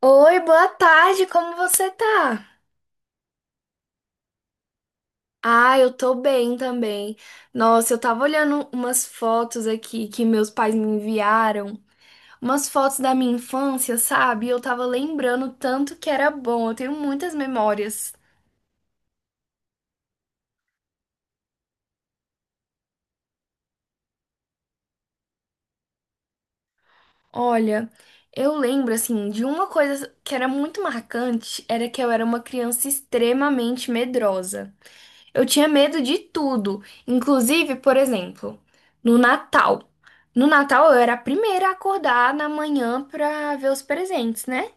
Oi, boa tarde, como você tá? Ah, eu tô bem também. Nossa, eu tava olhando umas fotos aqui que meus pais me enviaram, umas fotos da minha infância, sabe? Eu tava lembrando tanto que era bom, eu tenho muitas memórias. Olha, eu lembro assim de uma coisa que era muito marcante, era que eu era uma criança extremamente medrosa. Eu tinha medo de tudo. Inclusive, por exemplo, no Natal. No Natal eu era a primeira a acordar na manhã pra ver os presentes, né?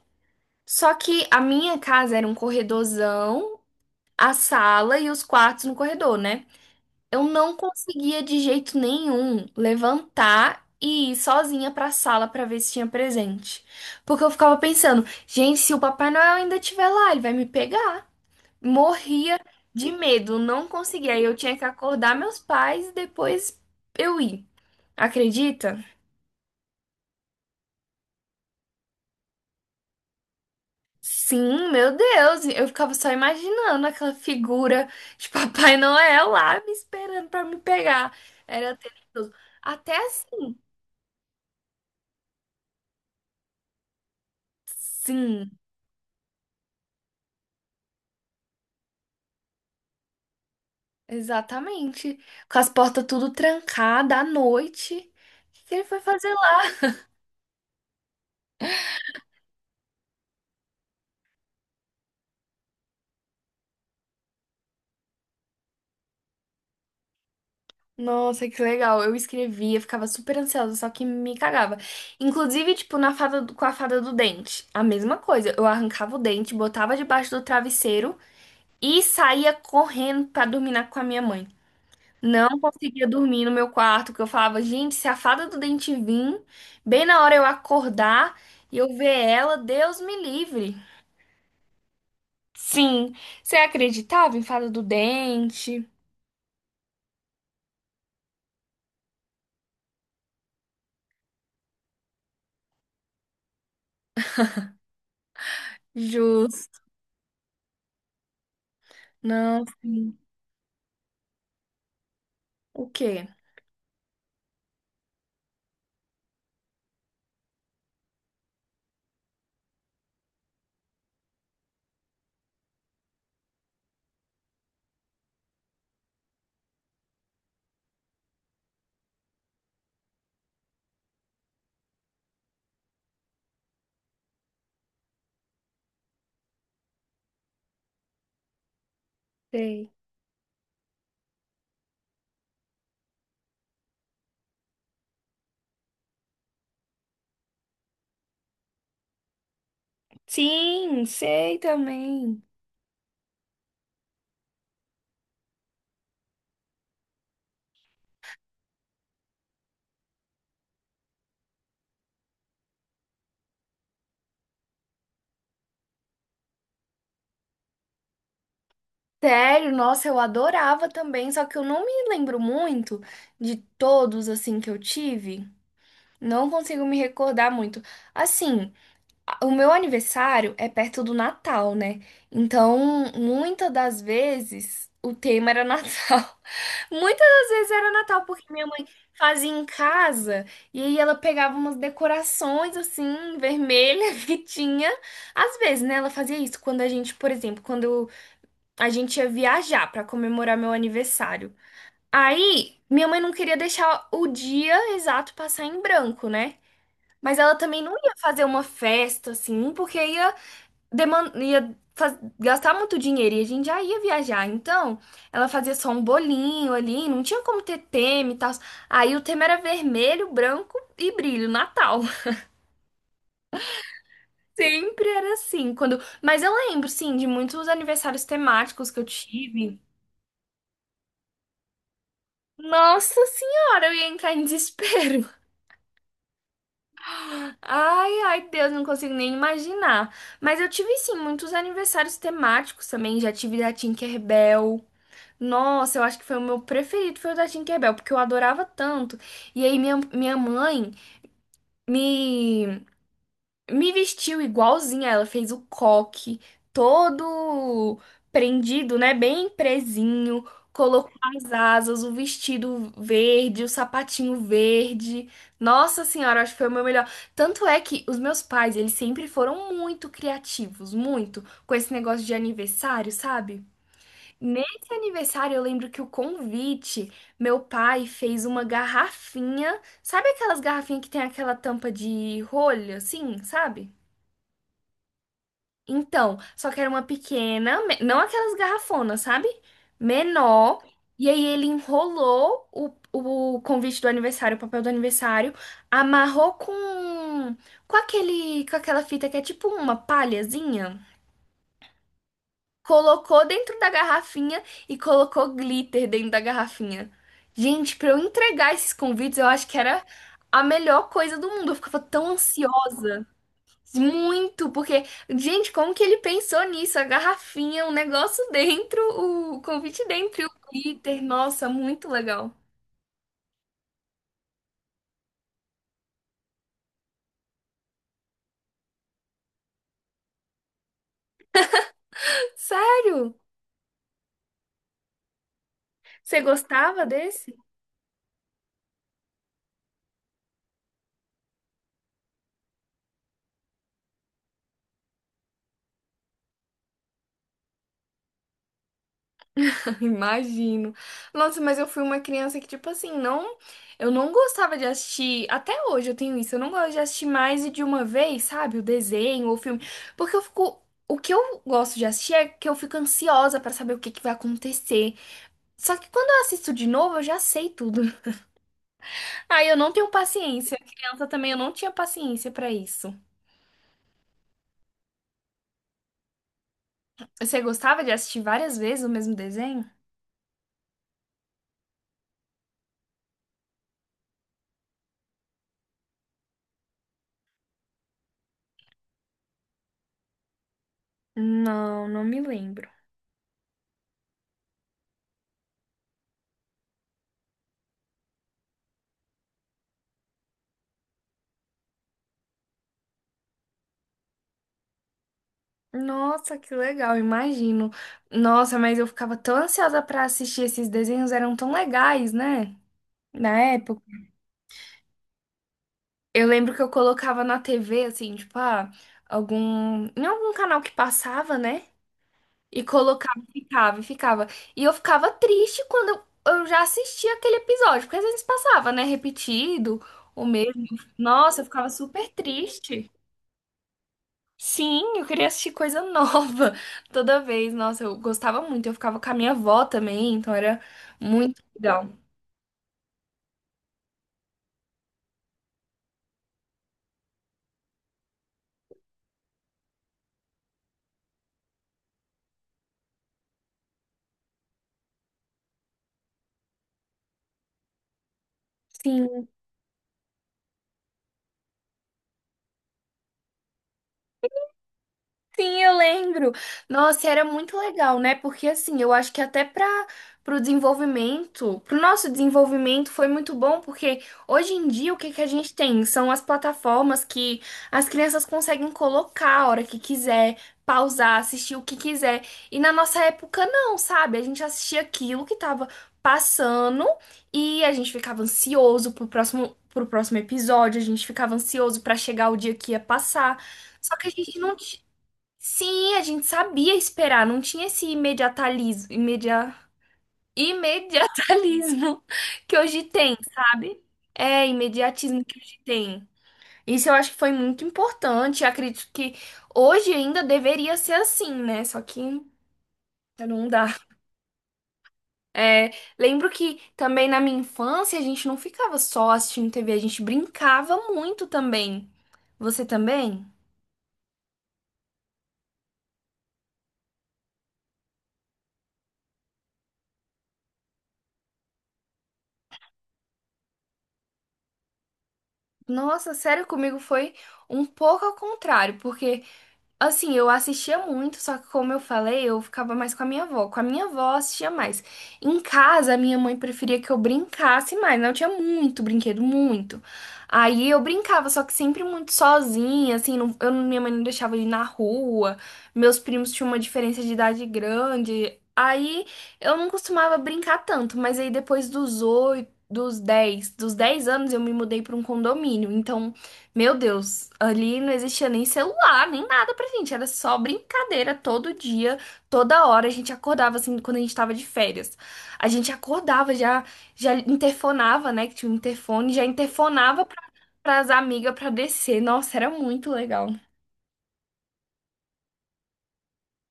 Só que a minha casa era um corredorzão, a sala e os quartos no corredor, né? Eu não conseguia de jeito nenhum levantar e ir sozinha pra sala pra ver se tinha presente. Porque eu ficava pensando, gente, se o Papai Noel ainda estiver lá, ele vai me pegar. Morria de medo, não conseguia. Aí eu tinha que acordar meus pais e depois eu ir. Acredita? Sim, meu Deus, eu ficava só imaginando aquela figura de Papai Noel lá me esperando pra me pegar. Era tenebroso. Até assim, sim, exatamente. Com as portas tudo trancadas à noite. O que que ele foi fazer lá? Nossa, que legal. Eu escrevia, ficava super ansiosa, só que me cagava. Inclusive, tipo, com a fada do dente. A mesma coisa. Eu arrancava o dente, botava debaixo do travesseiro e saía correndo pra dormir com a minha mãe. Não conseguia dormir no meu quarto, porque eu falava, gente, se a fada do dente vir, bem na hora eu acordar e eu ver ela, Deus me livre. Sim, você acreditava em fada do dente? Justo. Não, sim. O quê? Sei. Sim, sei também. Sério, nossa, eu adorava também, só que eu não me lembro muito de todos assim que eu tive. Não consigo me recordar muito. Assim, o meu aniversário é perto do Natal, né? Então, muitas das vezes o tema era Natal. Muitas das vezes era Natal, porque minha mãe fazia em casa e aí ela pegava umas decorações assim, vermelha que tinha. Às vezes, né? Ela fazia isso por exemplo, quando a gente ia viajar pra comemorar meu aniversário. Aí, minha mãe não queria deixar o dia exato passar em branco, né? Mas ela também não ia fazer uma festa assim, porque ia gastar muito dinheiro e a gente já ia viajar. Então, ela fazia só um bolinho ali, não tinha como ter tema e tal. Aí o tema era vermelho, branco e brilho, Natal. Sempre era assim, mas eu lembro sim de muitos aniversários temáticos que eu tive. Nossa senhora, eu ia entrar em desespero. Ai, ai, Deus, não consigo nem imaginar. Mas eu tive sim muitos aniversários temáticos também, já tive da Tinkerbell. Nossa, eu acho que foi o meu preferido, foi o da Tinkerbell, porque eu adorava tanto. E aí minha mãe me, me vestiu igualzinha, ela fez o coque todo prendido, né? Bem presinho, colocou as asas, o vestido verde, o sapatinho verde. Nossa senhora, acho que foi o meu melhor. Tanto é que os meus pais, eles sempre foram muito criativos, muito, com esse negócio de aniversário, sabe? Nesse aniversário, eu lembro que o convite, meu pai fez uma garrafinha. Sabe aquelas garrafinhas que tem aquela tampa de rolha, assim, sabe? Então, só que era uma pequena, não aquelas garrafonas, sabe? Menor. E aí ele enrolou o convite do aniversário, o papel do aniversário, amarrou com aquela fita que é tipo uma palhazinha. Colocou dentro da garrafinha e colocou glitter dentro da garrafinha. Gente, pra eu entregar esses convites, eu acho que era a melhor coisa do mundo. Eu ficava tão ansiosa. Muito, porque, gente, como que ele pensou nisso? A garrafinha, o negócio dentro, o convite dentro e o glitter. Nossa, muito legal. Sério? Você gostava desse? Imagino. Nossa, mas eu fui uma criança que, tipo assim, não. Eu não gostava de assistir. Até hoje eu tenho isso. Eu não gosto de assistir mais de uma vez, sabe? O desenho ou o filme. Porque eu fico. O que eu gosto de assistir é que eu fico ansiosa pra saber o que que vai acontecer. Só que quando eu assisto de novo, eu já sei tudo. Aí eu não tenho paciência. Criança também, eu não tinha paciência pra isso. Você gostava de assistir várias vezes o mesmo desenho? Não, não me lembro. Nossa, que legal, imagino. Nossa, mas eu ficava tão ansiosa pra assistir esses desenhos, eram tão legais, né? Na época. Eu lembro que eu colocava na TV, assim, tipo, ah, algum. Em algum canal que passava, né? E colocava e ficava, e ficava. E eu ficava triste quando eu já assistia aquele episódio, porque às vezes passava, né? Repetido, o mesmo. Nossa, eu ficava super triste. Sim, eu queria assistir coisa nova toda vez. Nossa, eu gostava muito. Eu ficava com a minha avó também, então era muito legal. Sim. Sim, eu lembro. Nossa, era muito legal, né? Porque assim, eu acho que até pro nosso desenvolvimento foi muito bom, porque hoje em dia o que que a gente tem? São as plataformas que as crianças conseguem colocar a hora que quiser, pausar, assistir o que quiser. E na nossa época não, sabe? A gente assistia aquilo que tava passando e a gente ficava ansioso pro próximo episódio, a gente ficava ansioso para chegar o dia que ia passar. Só que a gente não, sim, a gente sabia esperar, não tinha esse imediatalismo que hoje tem, sabe? É, imediatismo que hoje tem. Isso eu acho que foi muito importante. Eu acredito que hoje ainda deveria ser assim, né? Só que não dá. É, lembro que também na minha infância a gente não ficava só assistindo TV, a gente brincava muito também. Você também? Nossa, sério, comigo foi um pouco ao contrário, porque assim, eu assistia muito, só que como eu falei, eu ficava mais com a minha avó. Com a minha avó, eu assistia mais. Em casa, a minha mãe preferia que eu brincasse mais, né? Eu tinha muito brinquedo, muito. Aí eu brincava, só que sempre muito sozinha, assim, minha mãe não deixava eu ir na rua. Meus primos tinham uma diferença de idade grande. Aí eu não costumava brincar tanto, mas aí depois dos 8, dos dez anos eu me mudei para um condomínio. Então meu Deus, ali não existia nem celular, nem nada pra gente, era só brincadeira todo dia, toda hora. A gente acordava assim quando a gente tava de férias. A gente acordava, já interfonava, né, que tinha um interfone, já interfonava pras amigas pra descer. Nossa, era muito legal.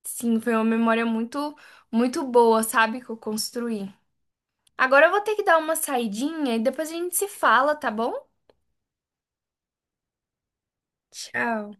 Sim, foi uma memória muito muito boa, sabe, que eu construí. Agora eu vou ter que dar uma saidinha e depois a gente se fala, tá bom? Tchau.